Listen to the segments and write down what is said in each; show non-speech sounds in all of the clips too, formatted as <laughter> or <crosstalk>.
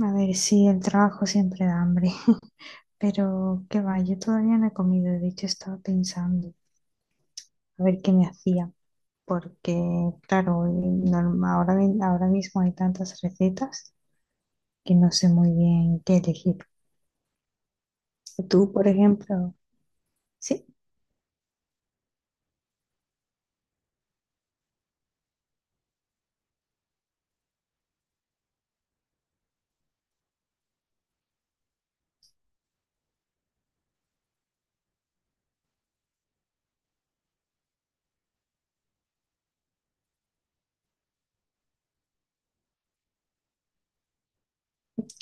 A ver, sí, el trabajo siempre da hambre, <laughs> pero qué va, yo todavía no he comido. De hecho estaba pensando a ver qué me hacía, porque claro, ahora mismo hay tantas recetas que no sé muy bien qué elegir. Tú, por ejemplo, sí,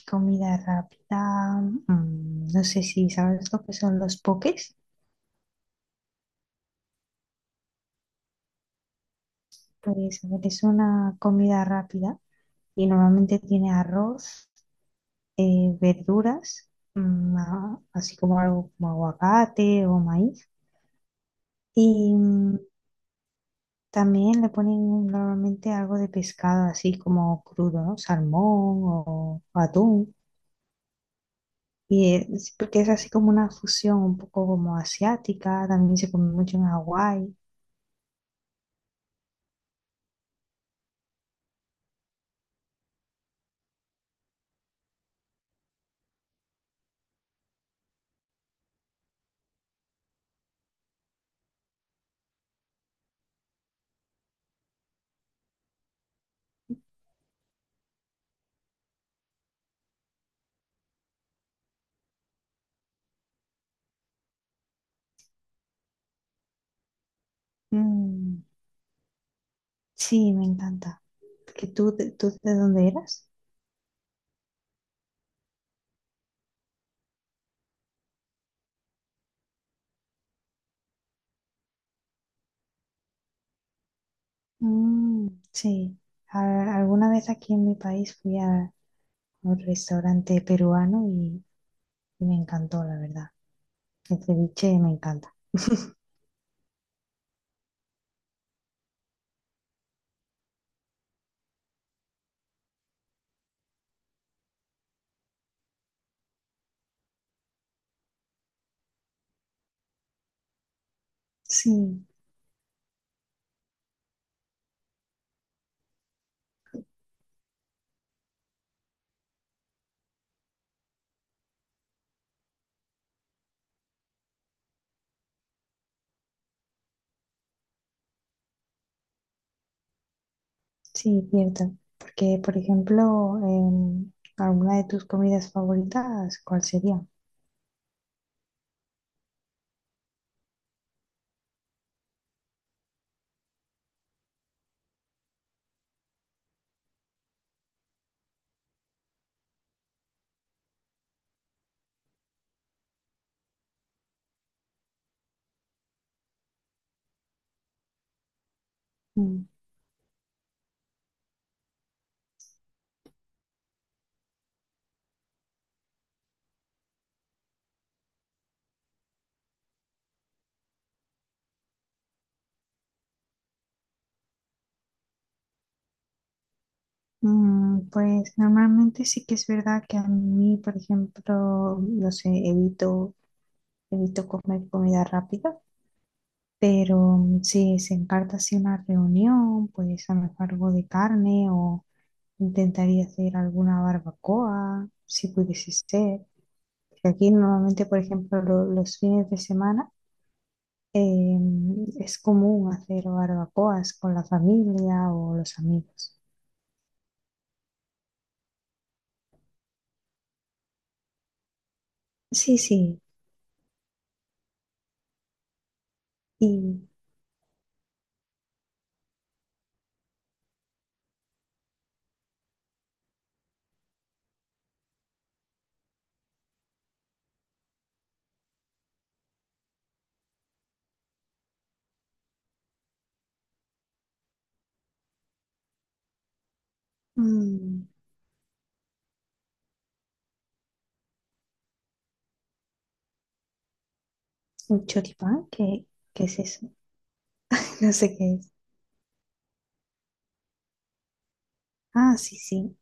comida rápida, no sé si sabes lo que son los poques. Pues a ver, es una comida rápida y normalmente tiene arroz, verduras, así como algo como aguacate o maíz. Y también le ponen normalmente algo de pescado, así como crudo, ¿no? Salmón o atún. Porque es así como una fusión un poco como asiática, también se come mucho en Hawái. Mm, sí, me encanta. ¿Que tú de dónde eras? Mm, sí, alguna vez aquí en mi país fui a un restaurante peruano. Me encantó, la verdad. El ceviche me encanta. Sí, sí, cierto. Porque, por ejemplo, ¿alguna de tus comidas favoritas, cuál sería? Mm, pues normalmente sí que es verdad que a mí, por ejemplo, no sé, evito comer comida rápida. Pero si se encarta así una reunión, pues a lo mejor algo de carne o intentaría hacer alguna barbacoa, si pudiese ser. Que aquí normalmente, por ejemplo, los fines de semana eh, es común hacer barbacoas con la familia o los amigos. Sí, sí. Y mm, un choripán, ¿qué es eso? <laughs> No sé qué es. Ah, sí, sí.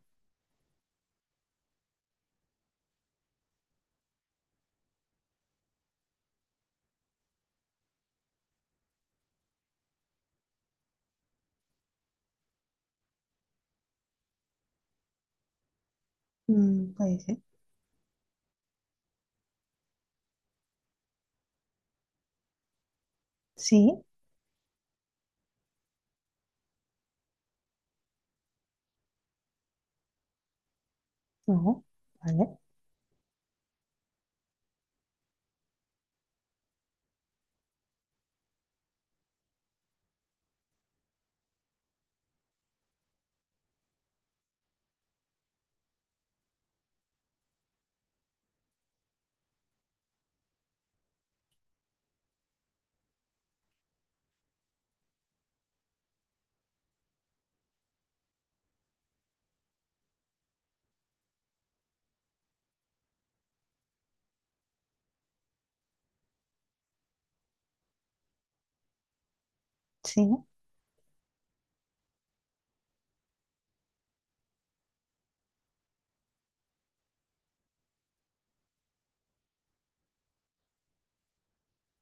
Puede ser. Sí, no, vale, sí. ¿No?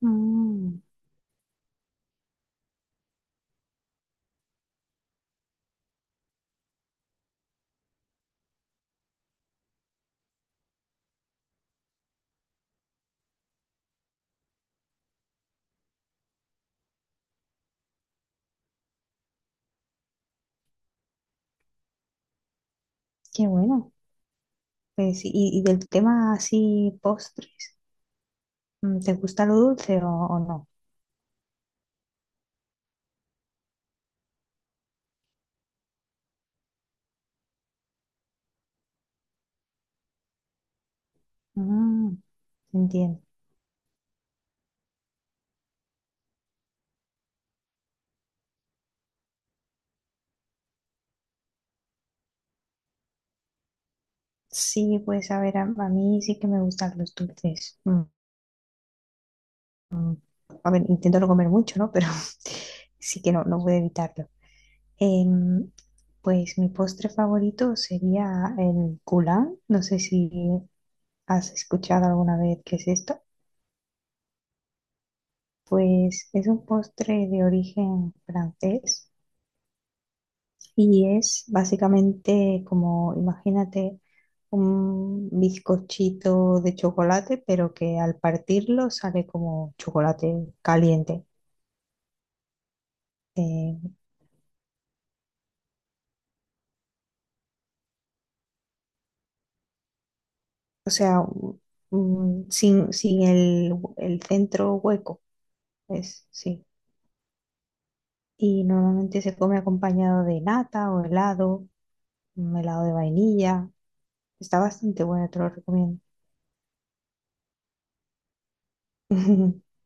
Mm, Qué bueno. Pues, y del tema así, postres, ¿te gusta lo dulce o no? Mm, Entiendo. Sí, pues a ver, a mí sí que me gustan los dulces. Mm, mm. A ver, intento no comer mucho, ¿no? Pero <laughs> sí que no puedo evitarlo. Em, pues mi postre favorito sería el goulard. No sé si has escuchado alguna vez qué es esto. Pues es un postre de origen francés. Y es básicamente como, imagínate, un bizcochito de chocolate, pero que al partirlo sale como chocolate caliente. Eh, o sea, sin el centro hueco, es, sí. Y normalmente se come acompañado de nata o helado, un helado de vainilla. Está bastante bueno, te lo recomiendo. <laughs>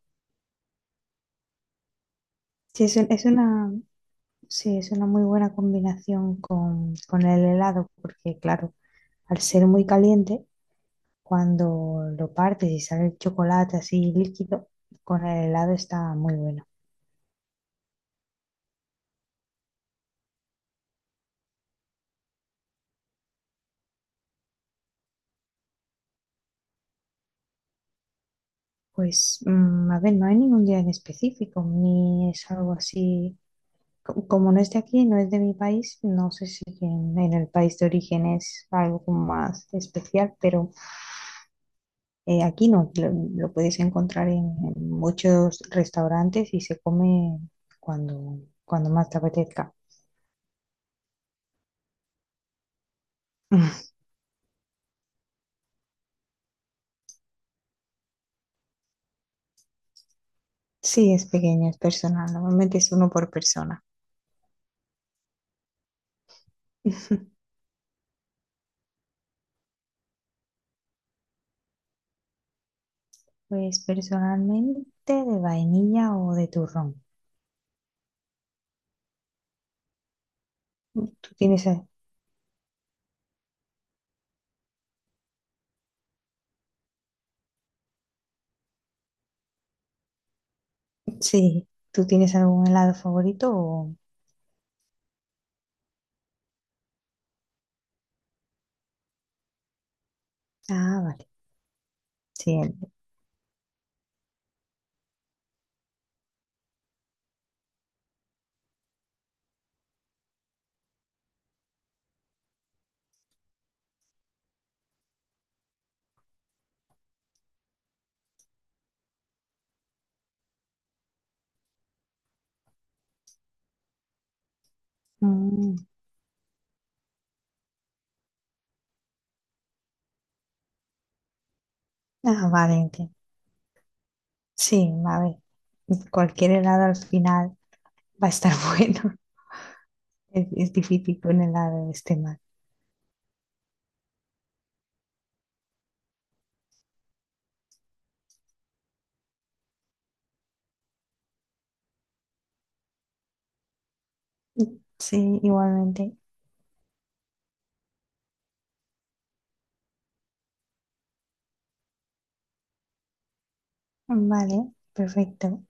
Sí, es una. Sí, es una muy buena combinación con el helado, porque claro, al ser muy caliente, cuando lo partes y sale el chocolate así líquido, con el helado está muy bueno. Pues, a ver, no hay ningún día en específico, ni es algo así. Como no es de aquí, no es de mi país, no sé si en el país de origen es algo como más especial. Pero aquí no, lo puedes encontrar en muchos restaurantes y se come cuando, cuando más te apetezca. <laughs> Sí, es pequeño, es personal. Normalmente es uno por persona. <laughs> Pues personalmente de vainilla o de turrón. ¿Tú tienes, a- sí, ¿tú tienes algún helado favorito. Ah, vale. Sí. Mm, ah, vale. Entiendo. Sí, a ver. Cualquier helado al final va a estar <laughs> bueno. Es difícil que un helado esté mal. Sí, igualmente. Vale, perfecto.